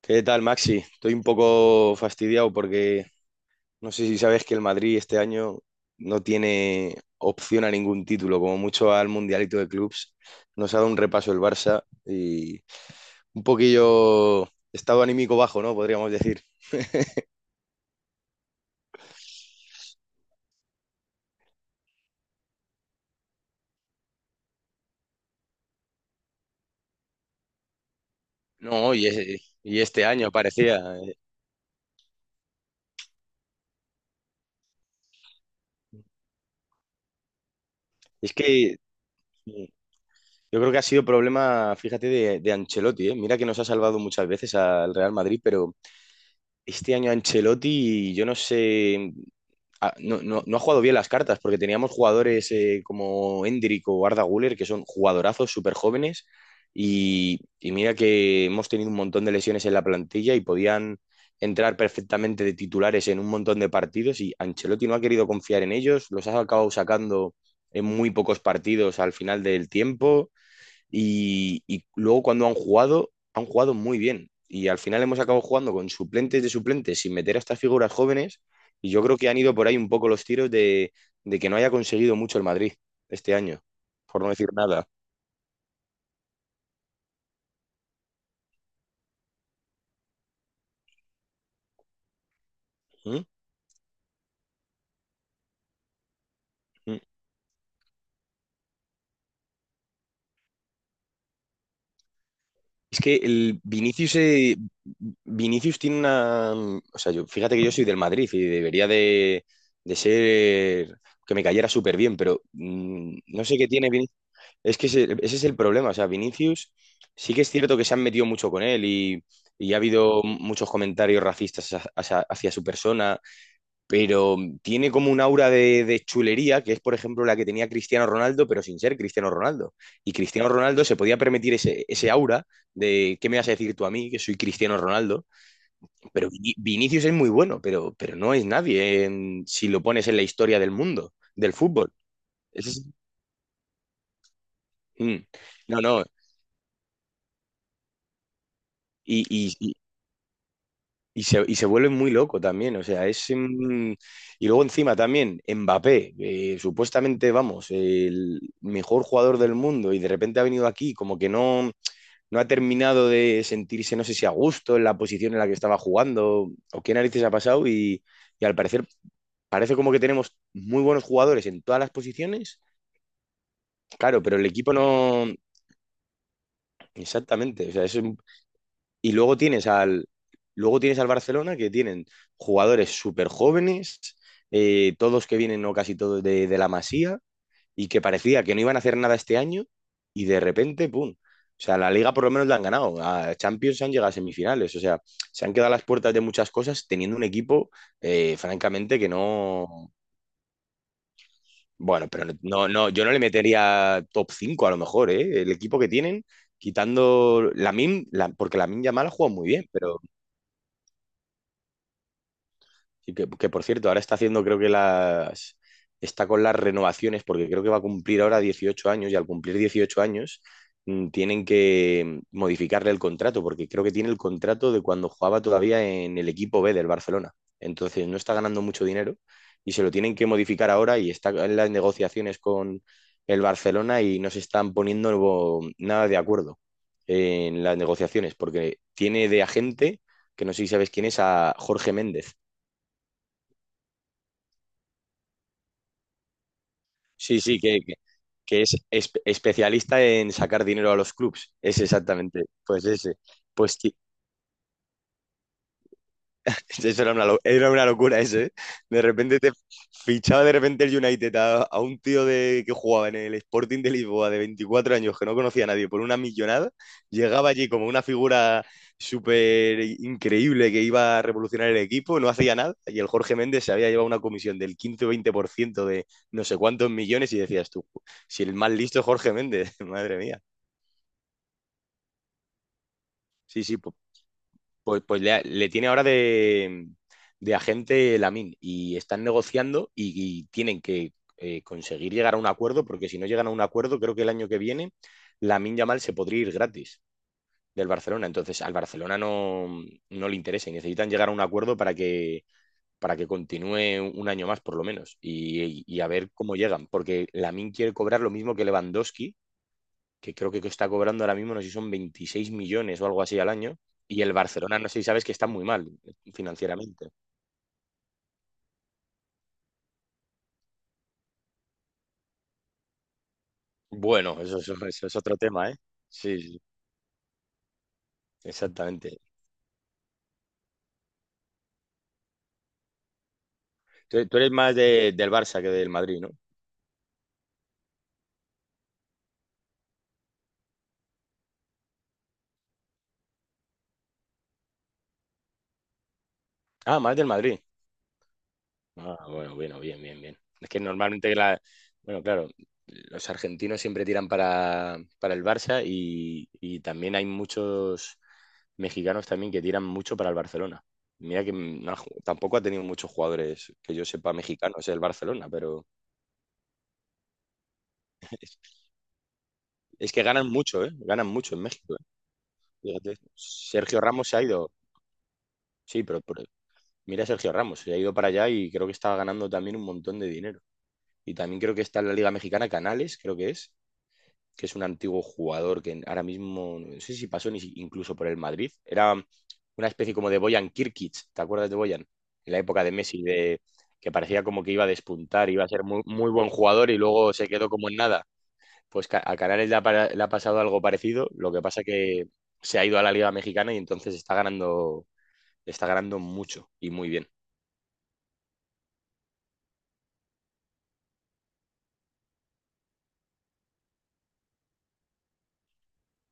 ¿Qué tal, Maxi? Estoy un poco fastidiado porque no sé si sabes que el Madrid este año no tiene opción a ningún título, como mucho al Mundialito de Clubs. Nos ha dado un repaso el Barça y un poquillo estado anímico bajo, ¿no? Podríamos decir. No, y este año parecía. Es que yo creo que ha sido problema, fíjate, de Ancelotti, ¿eh? Mira que nos ha salvado muchas veces al Real Madrid, pero este año Ancelotti, yo no sé, ah, no, no ha jugado bien las cartas, porque teníamos jugadores como Endrick o Arda Güler, que son jugadorazos súper jóvenes, y mira que hemos tenido un montón de lesiones en la plantilla y podían entrar perfectamente de titulares en un montón de partidos, y Ancelotti no ha querido confiar en ellos, los ha acabado sacando en muy pocos partidos al final del tiempo. Y luego cuando han jugado muy bien. Y al final hemos acabado jugando con suplentes de suplentes sin meter a estas figuras jóvenes. Y yo creo que han ido por ahí un poco los tiros de que no haya conseguido mucho el Madrid este año, por no decir nada. ¿Mm? ¿Mm? Es que el Vinicius tiene una, o sea, yo, fíjate que yo soy del Madrid y debería de ser, que me cayera súper bien, pero no sé qué tiene. Es que ese es el problema. O sea, Vinicius sí que es cierto que se han metido mucho con él, y ha habido muchos comentarios racistas hacia, hacia su persona, pero tiene como un aura de chulería que es, por ejemplo, la que tenía Cristiano Ronaldo, pero sin ser Cristiano Ronaldo. Y Cristiano Ronaldo se podía permitir ese aura de: ¿qué me vas a decir tú a mí, que soy Cristiano Ronaldo? Pero Vinicius es muy bueno, pero no es nadie si lo pones en la historia del mundo, del fútbol. Ese es- Mm. No, no. Y, y- y se vuelve muy loco también, o sea, y luego encima también Mbappé, supuestamente, vamos, el mejor jugador del mundo y de repente ha venido aquí, como que no ha terminado de sentirse, no sé si a gusto en la posición en la que estaba jugando o qué narices ha pasado, y al parecer parece como que tenemos muy buenos jugadores en todas las posiciones, claro, pero el equipo no. Exactamente, o sea, es un. Y luego tienes al Barcelona, que tienen jugadores súper jóvenes, todos que vienen o casi todos de la Masía, y que parecía que no iban a hacer nada este año y de repente, ¡pum! O sea, la liga por lo menos la han ganado. A Champions han llegado a semifinales. O sea, se han quedado a las puertas de muchas cosas teniendo un equipo, francamente, que no. Bueno, pero no, yo no le metería top 5 a lo mejor, ¿eh? El equipo que tienen, quitando Lamin, la MIM, porque la MIM Yamal ha jugado muy bien, pero. Y que, por cierto, ahora está haciendo, creo que las. Está con las renovaciones, porque creo que va a cumplir ahora 18 años, y al cumplir 18 años tienen que modificarle el contrato, porque creo que tiene el contrato de cuando jugaba todavía en el equipo B del Barcelona. Entonces no está ganando mucho dinero y se lo tienen que modificar ahora, y está en las negociaciones con el Barcelona y no se están poniendo nada de acuerdo en las negociaciones, porque tiene de agente, que no sé si sabes quién es, a Jorge Méndez. Sí, sí, que es especialista en sacar dinero a los clubs. Es exactamente, pues ese. Pues eso era una, era una locura eso, ¿eh? De repente te fichaba de repente el United a un tío que jugaba en el Sporting de Lisboa de 24 años, que no conocía a nadie por una millonada, llegaba allí como una figura súper increíble que iba a revolucionar el equipo, no hacía nada, y el Jorge Méndez se había llevado una comisión del 15 o 20% de no sé cuántos millones y decías tú: si el más listo es Jorge Méndez, madre mía. Sí, sí. Pues le tiene ahora de agente Lamin y están negociando, y tienen que conseguir llegar a un acuerdo, porque si no llegan a un acuerdo, creo que el año que viene Lamine Yamal se podría ir gratis del Barcelona. Entonces al Barcelona no le interesa y necesitan llegar a un acuerdo para que continúe un año más por lo menos, a ver cómo llegan, porque Lamin quiere cobrar lo mismo que Lewandowski, que creo que está cobrando ahora mismo, no sé si son 26 millones o algo así al año. Y el Barcelona, no sé si sabes que está muy mal financieramente. Bueno, eso, eso es otro tema, ¿eh? Sí, sí, sí, exactamente. Tú eres más del Barça que del Madrid, ¿no? Ah, más del Madrid. Ah, bueno, bueno, bien, bien, bien. Es que normalmente bueno, claro, los argentinos siempre tiran para el Barça, y también hay muchos mexicanos también que tiran mucho para el Barcelona. Mira que no ha tampoco ha tenido muchos jugadores que yo sepa mexicanos el Barcelona, pero es, es que ganan mucho, ¿eh? Ganan mucho en México, ¿eh? Fíjate. Sergio Ramos se ha ido, sí, pero mira a Sergio Ramos, se ha ido para allá y creo que estaba ganando también un montón de dinero. Y también creo que está en la Liga Mexicana Canales, creo que es un antiguo jugador que ahora mismo, no sé si pasó ni incluso por el Madrid, era una especie como de Boyan Kirkic, ¿te acuerdas de Boyan? En la época de Messi, que parecía como que iba a despuntar, iba a ser muy, muy buen jugador y luego se quedó como en nada. Pues a Canales le ha pasado algo parecido, lo que pasa que se ha ido a la Liga Mexicana, y entonces está ganando mucho y muy bien.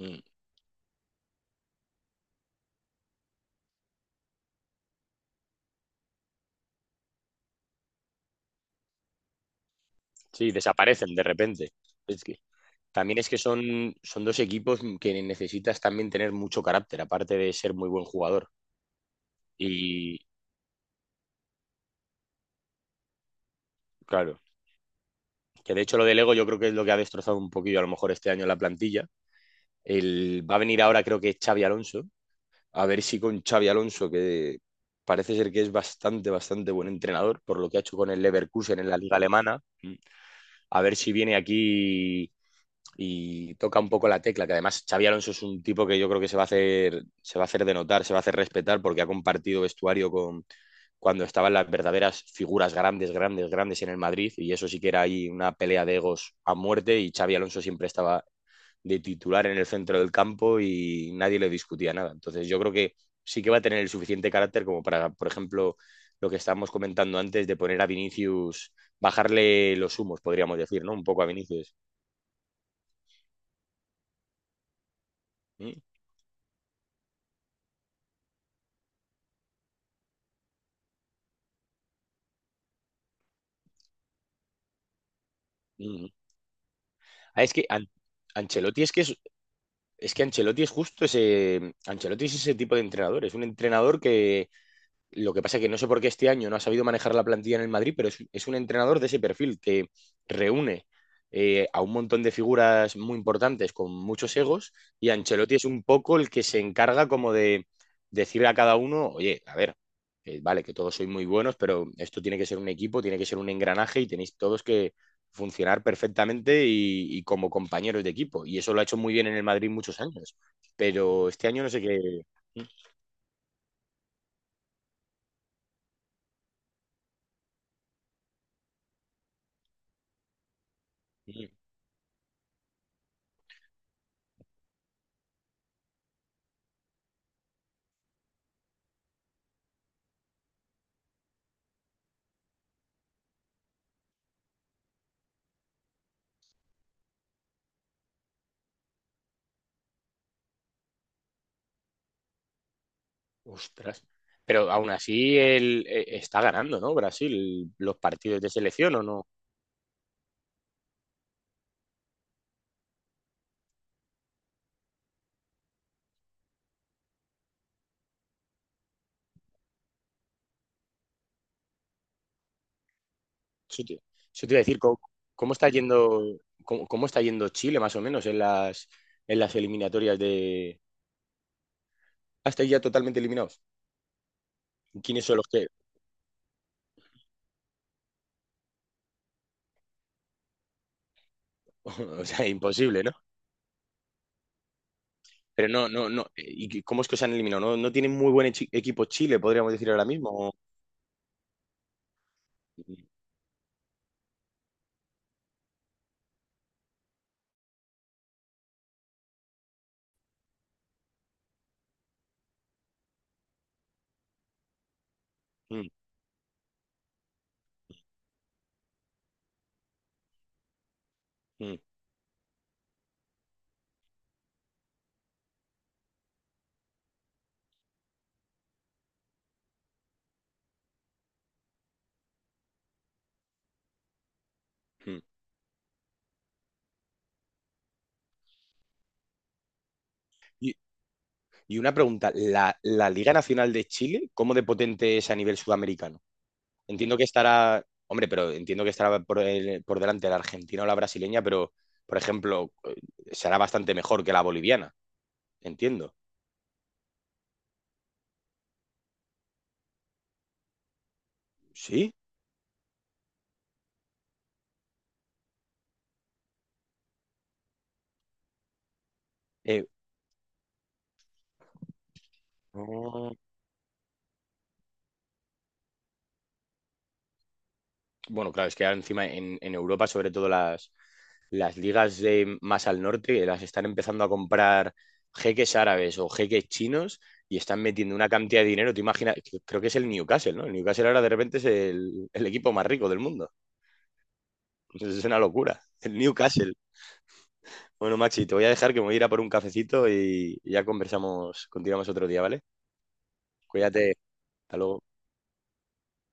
Mm. Sí, desaparecen de repente. Es También es que son, son dos equipos que necesitas también tener mucho carácter, aparte de ser muy buen jugador. Y claro, que de hecho lo del ego yo creo que es lo que ha destrozado un poquillo a lo mejor este año la plantilla. Va a venir ahora creo que Xavi Alonso. A ver si con Xavi Alonso, que parece ser que es bastante, bastante buen entrenador por lo que ha hecho con el Leverkusen en la liga alemana, a ver si viene aquí y toca un poco la tecla, que además Xavi Alonso es un tipo que yo creo que se va a hacer denotar, se va a hacer respetar, porque ha compartido vestuario con cuando estaban las verdaderas figuras grandes, grandes, grandes en el Madrid, y eso sí que era ahí una pelea de egos a muerte, y Xavi Alonso siempre estaba de titular en el centro del campo y nadie le discutía nada. Entonces yo creo que sí que va a tener el suficiente carácter como para, por ejemplo, lo que estábamos comentando antes de poner a Vinicius, bajarle los humos, podríamos decir, ¿no? Un poco a Vinicius. Mm, mm. Ah, es que Ancelotti es que Ancelotti es justo ese. Ancelotti es ese tipo de entrenador. Es un entrenador que, lo que pasa es que no sé por qué este año no ha sabido manejar la plantilla en el Madrid, pero es un entrenador de ese perfil que reúne a un montón de figuras muy importantes con muchos egos, y Ancelotti es un poco el que se encarga como de decirle a cada uno: oye, a ver, vale, que todos sois muy buenos, pero esto tiene que ser un equipo, tiene que ser un engranaje y tenéis todos que funcionar perfectamente, y como compañeros de equipo. Y eso lo ha hecho muy bien en el Madrid muchos años, pero este año no sé qué. Ostras. Pero aún así él está ganando, ¿no? Brasil, los partidos de selección o no. Eso te, eso te iba a decir, cómo está yendo, cómo está yendo Chile más o menos en las eliminatorias de. Hasta ya totalmente eliminados. ¿Quiénes son los que? O sea, imposible, ¿no? Pero no, no, no. ¿Y cómo es que os han eliminado? ¿No tienen muy buen equipo Chile, podríamos decir ahora mismo? ¿O? Mm, mm, mm. Mm. Y, y una pregunta, ¿la Liga Nacional de Chile, cómo de potente es a nivel sudamericano? Entiendo que estará, hombre, pero entiendo que estará por delante la argentina o la brasileña, pero, por ejemplo, será bastante mejor que la boliviana, entiendo. ¿Sí? Eh, no- bueno, claro, es que ahora encima en Europa, sobre todo las ligas de más al norte, las están empezando a comprar jeques árabes o jeques chinos y están metiendo una cantidad de dinero. Te imaginas, creo que es el Newcastle, ¿no? El Newcastle ahora de repente es el equipo más rico del mundo. Es una locura. El Newcastle. Bueno, Maxi, te voy a dejar que me voy a ir a por un cafecito, y ya conversamos, continuamos otro día, ¿vale? Cuídate, hasta luego.